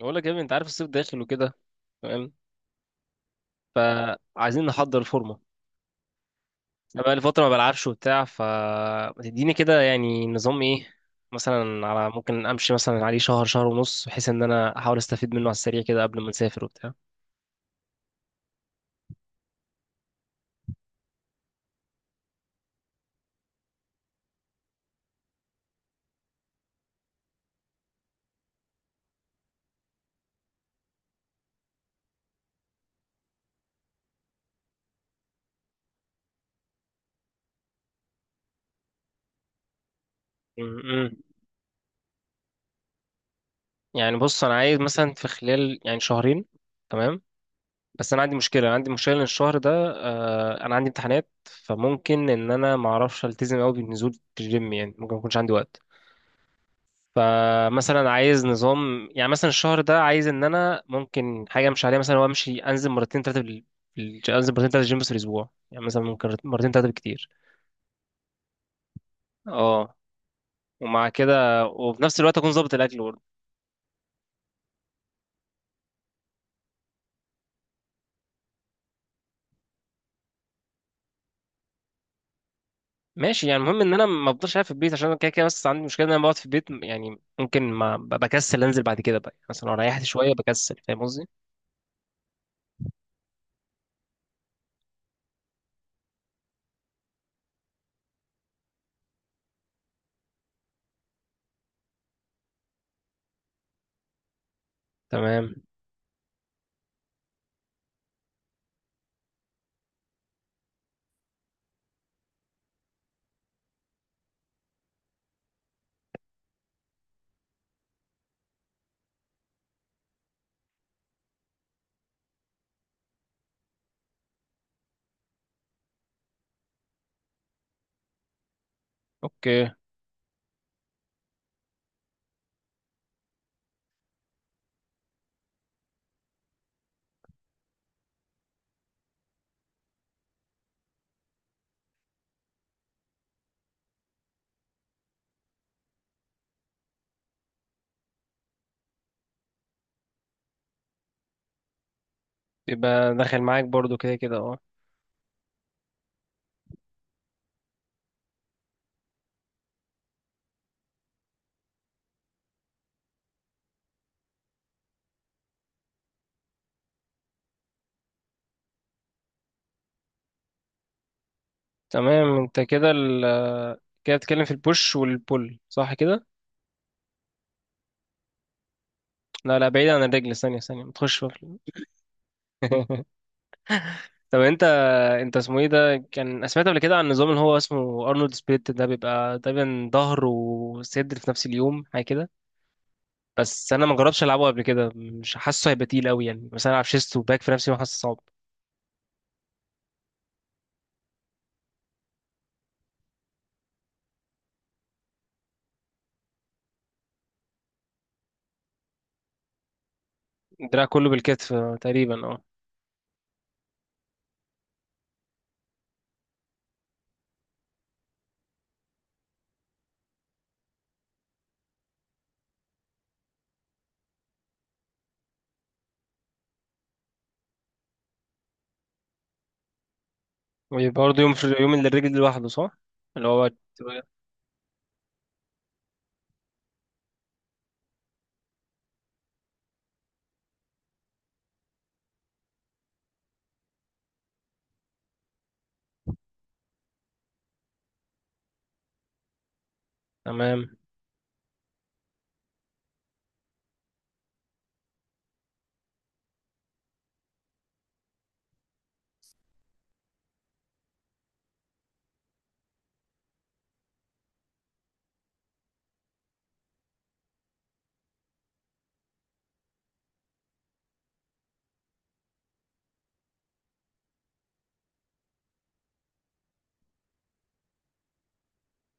بقول لك يا ابني، انت عارف الصيف داخل وكده. تمام. فعايزين نحضر الفورمه. انا بقالي فتره ما بلعبش وبتاع، فما تديني كده يعني نظام ايه. مثلا على، ممكن امشي مثلا عليه شهر ونص، بحيث ان انا احاول استفيد منه على السريع كده قبل ما نسافر وبتاع. امم. يعني بص، انا عايز مثلا في خلال يعني شهرين. تمام. بس انا عندي مشكله ان الشهر ده، انا عندي امتحانات، فممكن ان انا ما اعرفش التزم قوي بالنزول في الجيم، يعني ممكن ما يكونش عندي وقت. فمثلا عايز نظام يعني مثلا الشهر ده، عايز ان انا ممكن حاجه مش عليها مثلا هو، امشي انزل مرتين ثلاثه انزل مرتين ثلاثه جيم في الاسبوع، يعني مثلا ممكن مرتين ثلاثه بالكتير. اه، ومع كده وفي نفس الوقت اكون ظابط الاكل برضه. ماشي، يعني المهم ان انا ما افضلش قاعد في البيت عشان أنا كده كده، بس عندي مشكله ان انا بقعد في البيت، يعني ممكن ما بكسل انزل بعد كده بقى، يعني مثلا لو ريحت شويه بكسل، فاهم قصدي؟ تمام. اوكي. يبقى داخل معاك برضه كده كده. اه. تمام. انت كده كده بتتكلم في البوش والبول، صح كده؟ لا، لا، بعيد عن الرجل، ثانية ثانية، ما تخش في. طب انت اسمه ايه ده، كان سمعت قبل كده عن النظام اللي هو اسمه ارنولد سبليت؟ ده بيبقى تقريبا ظهر وصدر في نفس اليوم، حاجه كده. بس انا ما جربتش العبه قبل كده، مش حاسه هيبقى تقيل قوي، يعني مثلا العب شيست وباك في نفس اليوم، حاسه صعب. الدراع كله بالكتف تقريبا. اه. ويبقى برضه يوم في يوم للرجل لوحده، صح؟ اللي هو. تمام.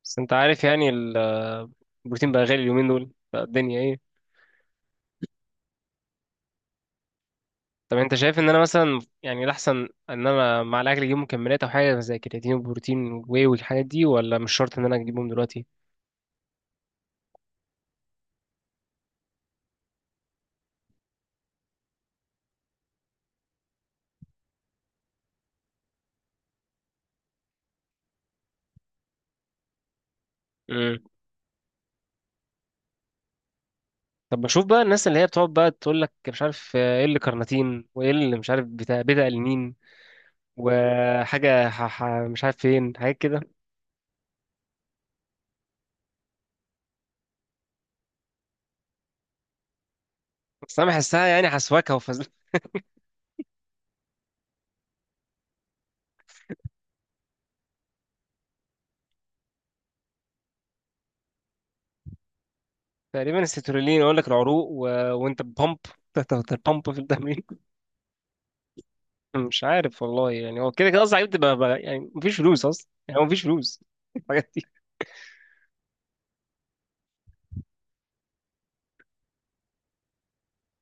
بس انت عارف يعني البروتين بقى غالي اليومين دول، بقى الدنيا ايه. طب انت شايف ان انا مثلا يعني الاحسن، ان انا مع الاكل اجيب مكملات او حاجه زي كرياتين وبروتين واي والحاجات دي، ولا مش شرط ان انا اجيبهم دلوقتي؟ امم. طب بشوف بقى الناس اللي هي بتقعد بقى تقول لك مش عارف ايه، اللي كارناتين وايه اللي مش عارف بتاع بيتا ألينين وحاجه مش عارف فين، حاجات كده. بس انا بحسها يعني حسواكه وفز. تقريبا السيترولين، يقول لك العروق وانت بامب. تحت البامب في الدم. مش عارف والله، يعني هو كده كده اصلا حاجات بتبقى يعني مفيش فلوس اصلا، يعني هو مفيش فلوس. الحاجات دي.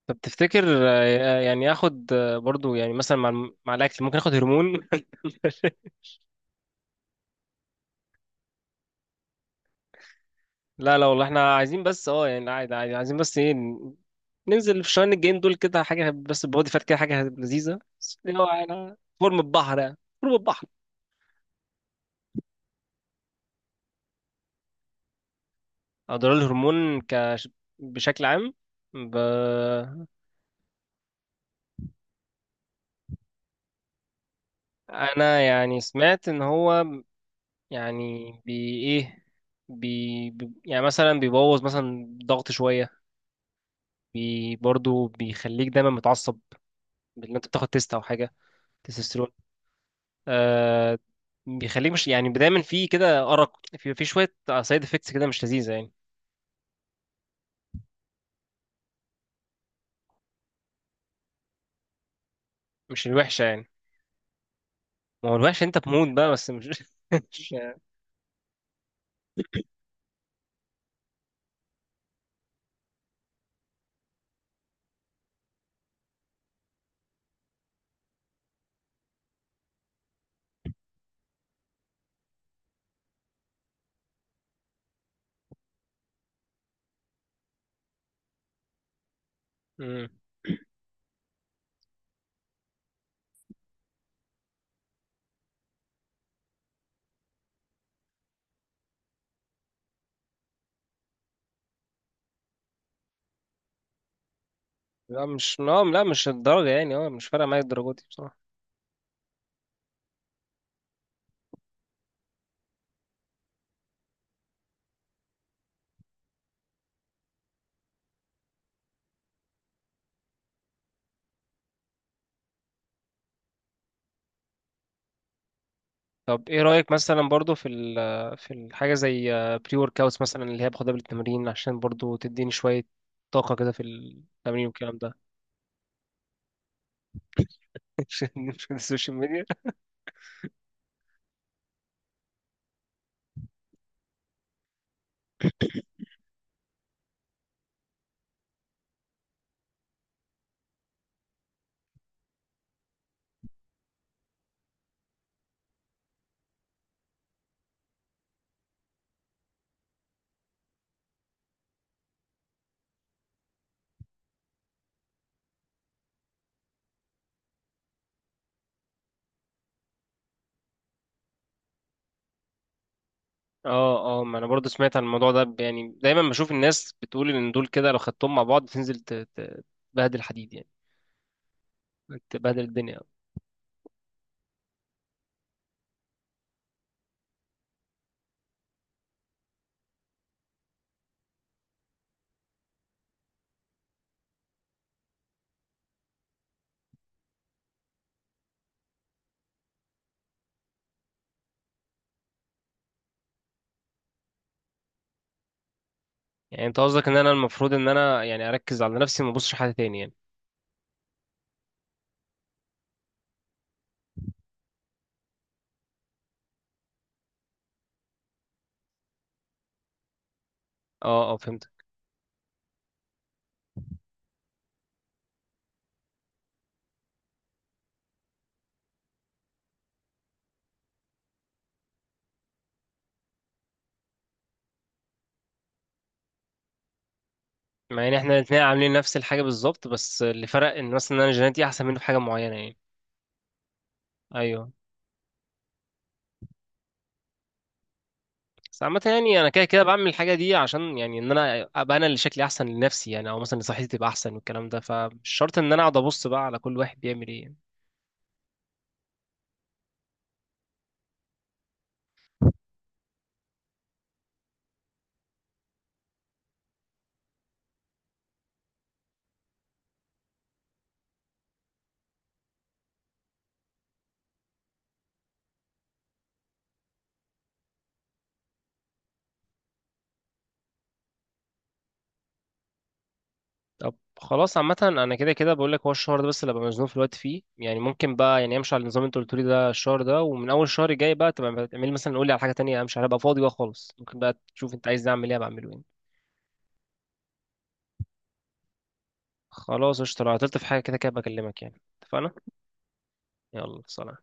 طب تفتكر يعني اخد برضو يعني مثلا مع الاكل ممكن اخد هرمون؟ لا، لا، والله احنا عايزين بس اه، يعني عادي عادي، عايزين بس ايه، ننزل في الشهرين الجايين دول كده حاجه، بس بودي فات كده، حاجه لذيذه، بس اللي هو يعني فورم البحر يعني. فورم البحر. اضرار الهرمون بشكل عام، ب... انا يعني سمعت ان هو يعني بي ايه بي بي- يعني مثلا بيبوظ مثلا ضغط شوية. برضو بيخليك دايما متعصب، بان انت بتاخد تيست او حاجة، تستوستيرون. آه بيخليك مش يعني دايما في كده أرق، في شوية سايد افكتس كده، مش لذيذة يعني. مش الوحشة يعني؟ ما هو الوحش انت بموت بقى، بس مش مش يعني. مم. لا، لا، مش الدرجة، يعني اه مش فارقة معايا الدرجة دي بصراحة. طب ايه رأيك مثلا برضو في الحاجة زي بري ورك اوتس مثلا، اللي هي باخدها بالتمرين عشان برضو تديني شوية طاقة كده في التمرين والكلام ده؟ عشان مش من السوشيال ميديا. اه، اه، ما انا برضو سمعت عن الموضوع ده، يعني دايما بشوف الناس بتقول ان دول كده لو خدتهم مع بعض تنزل تبهدل حديد يعني. تبهدل الدنيا. يعني انت قصدك ان انا المفروض ان انا يعني اركز على نفسي، وما ابصش حد تاني يعني؟ اه، اه، فهمت. مع ان احنا الاتنين عاملين نفس الحاجة بالظبط، بس اللي فرق ان مثلا انا جيناتي احسن منه في حاجة معينة يعني. ايوه. بس عامة يعني أنا كده كده بعمل الحاجة دي عشان، يعني إن أنا أبقى أنا اللي شكلي أحسن لنفسي يعني، أو مثلا صحتي تبقى أحسن والكلام ده، فمش شرط إن أنا أقعد أبص بقى على كل واحد بيعمل إيه. طب خلاص. عامة أنا كده كده بقول لك هو الشهر ده بس اللي ببقى مزنوق في الوقت فيه، يعني ممكن بقى يعني أمشي على النظام اللي أنت قلت لي ده الشهر ده، ومن أول الشهر الجاي بقى تبقى تعمل مثلا، قول لي على حاجة تانية أمشي عليها، أبقى فاضي بقى خالص، ممكن بقى تشوف أنت عايز أعمل إيه أبقى أعمله يعني. خلاص قشطة. لو عطلت في حاجة كده كده بكلمك، يعني اتفقنا. يلا، سلام.